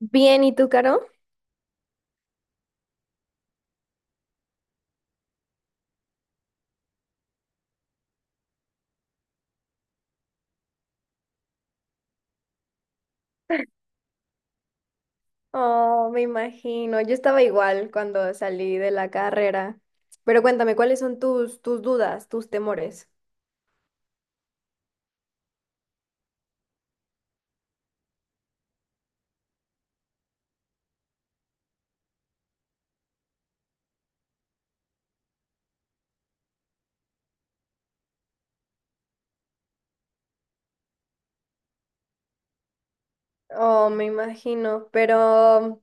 Bien, ¿y tú, Caro? Oh, me imagino. Yo estaba igual cuando salí de la carrera. Pero cuéntame, ¿cuáles son tus dudas, tus temores? Oh, me imagino. Pero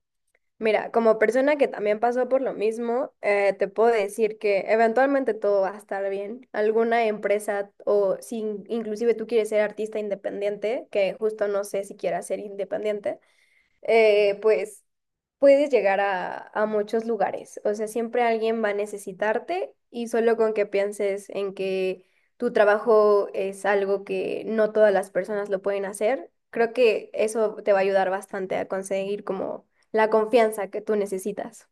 mira, como persona que también pasó por lo mismo, te puedo decir que eventualmente todo va a estar bien. Alguna empresa o si inclusive tú quieres ser artista independiente, que justo no sé si quieras ser independiente. Pues puedes llegar a muchos lugares. O sea, siempre alguien va a necesitarte y solo con que pienses en que tu trabajo es algo que no todas las personas lo pueden hacer, creo que eso te va a ayudar bastante a conseguir como la confianza que tú necesitas.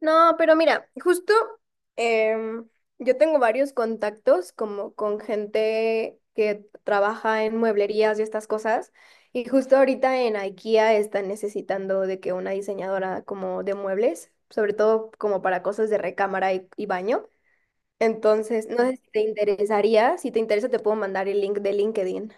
No, pero mira, justo em, yo tengo varios contactos como con gente que trabaja en mueblerías y estas cosas. Y justo ahorita en IKEA están necesitando de que una diseñadora como de muebles, sobre todo como para cosas de recámara y baño. Entonces, no sé si te interesaría, si te interesa te puedo mandar el link de LinkedIn.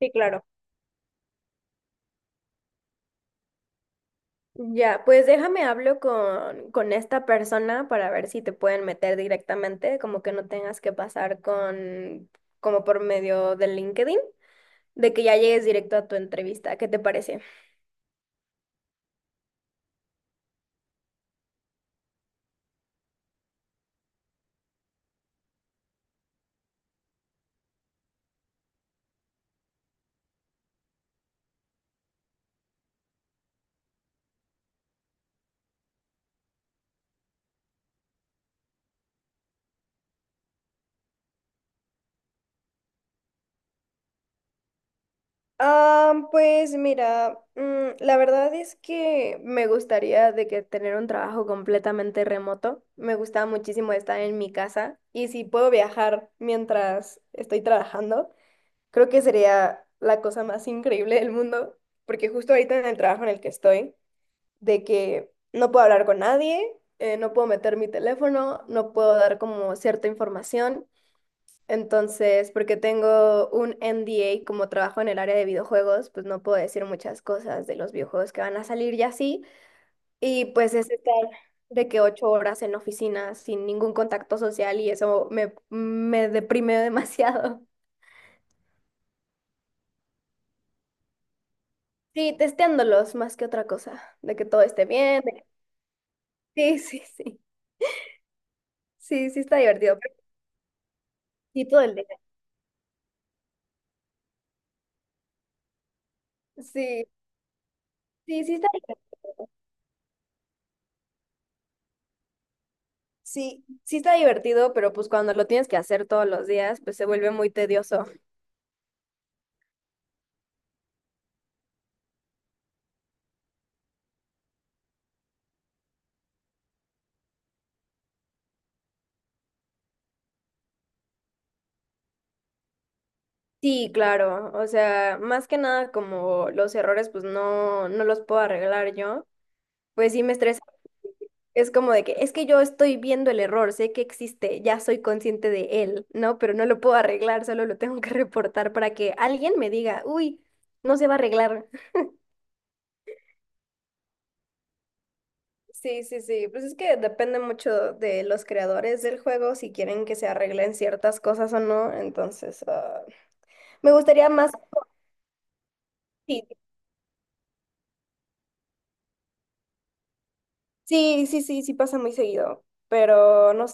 Sí, claro. Ya, pues déjame hablo con esta persona para ver si te pueden meter directamente, como que no tengas que pasar como por medio del LinkedIn, de que ya llegues directo a tu entrevista. ¿Qué te parece? Ah, pues mira, la verdad es que me gustaría de que tener un trabajo completamente remoto. Me gusta muchísimo estar en mi casa y si puedo viajar mientras estoy trabajando. Creo que sería la cosa más increíble del mundo, porque justo ahorita en el trabajo en el que estoy, de que no puedo hablar con nadie, no puedo meter mi teléfono, no puedo dar como cierta información. Entonces, porque tengo un NDA, como trabajo en el área de videojuegos, pues no puedo decir muchas cosas de los videojuegos que van a salir y así. Y pues es estar de que 8 horas en la oficina sin ningún contacto social y eso me deprime demasiado. Sí, testeándolos más que otra cosa, de que todo esté bien. Sí, sí, sí, sí, sí está divertido. Pero sí, todo el día. Sí, sí, sí está divertido. Sí, sí está divertido, pero pues cuando lo tienes que hacer todos los días, pues se vuelve muy tedioso. Sí, claro, o sea, más que nada como los errores, pues no, no los puedo arreglar yo, pues sí me estresa. Es como de que, es que yo estoy viendo el error, sé que existe, ya soy consciente de él, ¿no? Pero no lo puedo arreglar, solo lo tengo que reportar para que alguien me diga, uy, no se va a arreglar. Sí, sí, sí, pues es que depende mucho de los creadores del juego, si quieren que se arreglen ciertas cosas o no, entonces ah, me gustaría más, sí, sí, sí, sí, sí pasa muy seguido, pero no.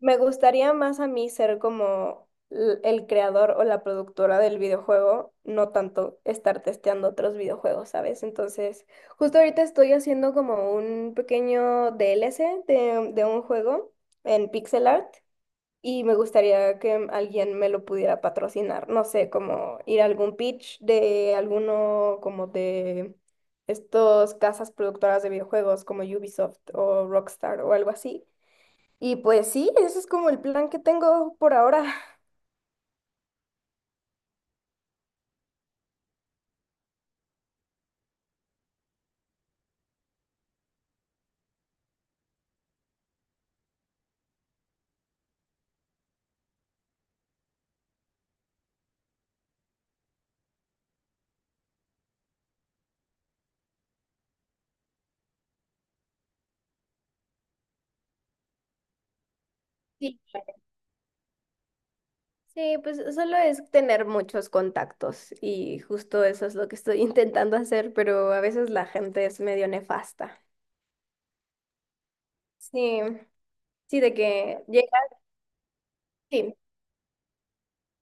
Me gustaría más a mí ser como el creador o la productora del videojuego, no tanto estar testeando otros videojuegos, ¿sabes? Entonces, justo ahorita estoy haciendo como un pequeño DLC de un juego en pixel art y me gustaría que alguien me lo pudiera patrocinar, no sé, como ir a algún pitch de alguno como de estos casas productoras de videojuegos como Ubisoft o Rockstar o algo así, y pues sí, ese es como el plan que tengo por ahora. Sí. Sí, pues solo es tener muchos contactos y justo eso es lo que estoy intentando hacer, pero a veces la gente es medio nefasta. Sí, sí, de que llega, sí.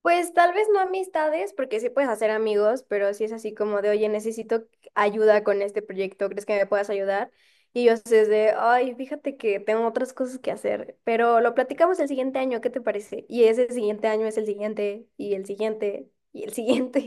Pues tal vez no amistades, porque sí puedes hacer amigos, pero si es así como de, oye, necesito ayuda con este proyecto, ¿crees que me puedas ayudar? Y ellos es de, ay, fíjate que tengo otras cosas que hacer, pero lo platicamos el siguiente año, ¿qué te parece? Y ese siguiente año es el siguiente, y el siguiente, y el siguiente.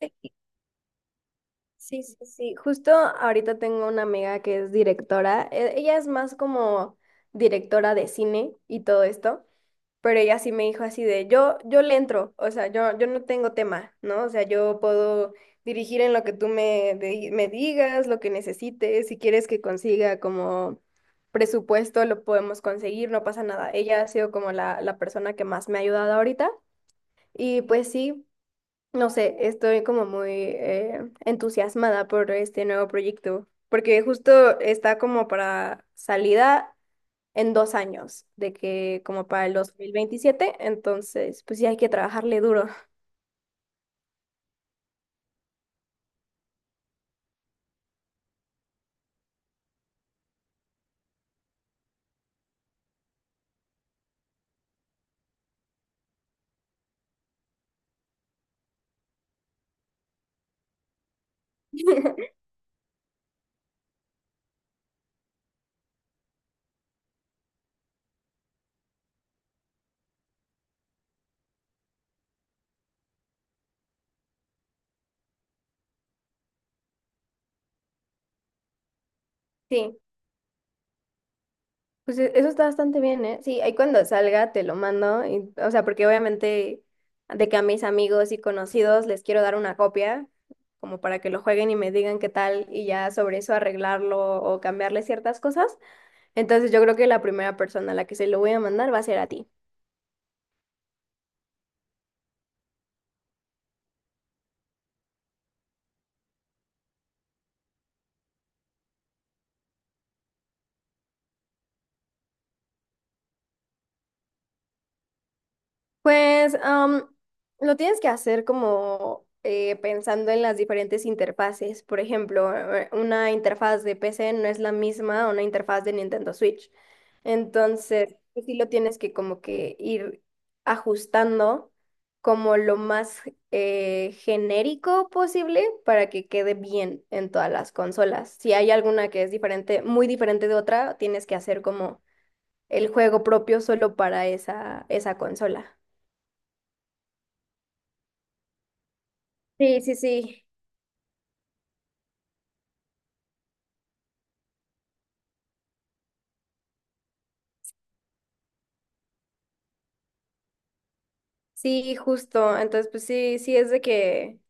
Sí, sí, sí. Justo ahorita tengo una amiga que es directora. Ella es más como directora de cine y todo esto. Pero ella sí me dijo así de, yo le entro, o sea, yo no tengo tema, ¿no? O sea, yo puedo dirigir en lo que tú me digas, lo que necesites, si quieres que consiga como presupuesto, lo podemos conseguir, no pasa nada. Ella ha sido como la persona que más me ha ayudado ahorita y pues sí, no sé, estoy como muy entusiasmada por este nuevo proyecto, porque justo está como para salida en 2 años, de que como para el 2027, entonces pues sí hay que trabajarle duro. Sí, pues eso está bastante bien, ¿eh? Sí, ahí cuando salga te lo mando, o sea, porque obviamente de que a mis amigos y conocidos les quiero dar una copia, como para que lo jueguen y me digan qué tal, y ya sobre eso arreglarlo o cambiarle ciertas cosas. Entonces yo creo que la primera persona a la que se lo voy a mandar va a ser a ti. Pues lo tienes que hacer como pensando en las diferentes interfaces. Por ejemplo, una interfaz de PC no es la misma a una interfaz de Nintendo Switch. Entonces, pues sí lo tienes que como que ir ajustando como lo más genérico posible para que quede bien en todas las consolas. Si hay alguna que es diferente, muy diferente de otra, tienes que hacer como el juego propio solo para esa consola. Sí, sí, sí, sí, justo. Entonces, pues sí, sí es de que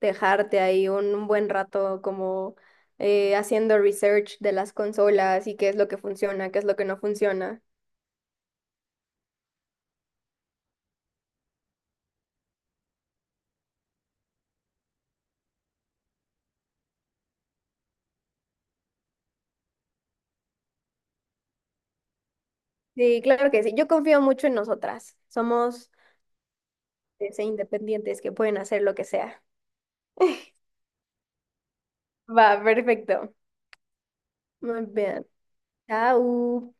dejarte ahí un buen rato como haciendo research de las consolas y qué es lo que funciona, qué es lo que no funciona. Sí, claro que sí. Yo confío mucho en nosotras. Somos ese, independientes que pueden hacer lo que sea. Va, perfecto. Muy bien. Chao.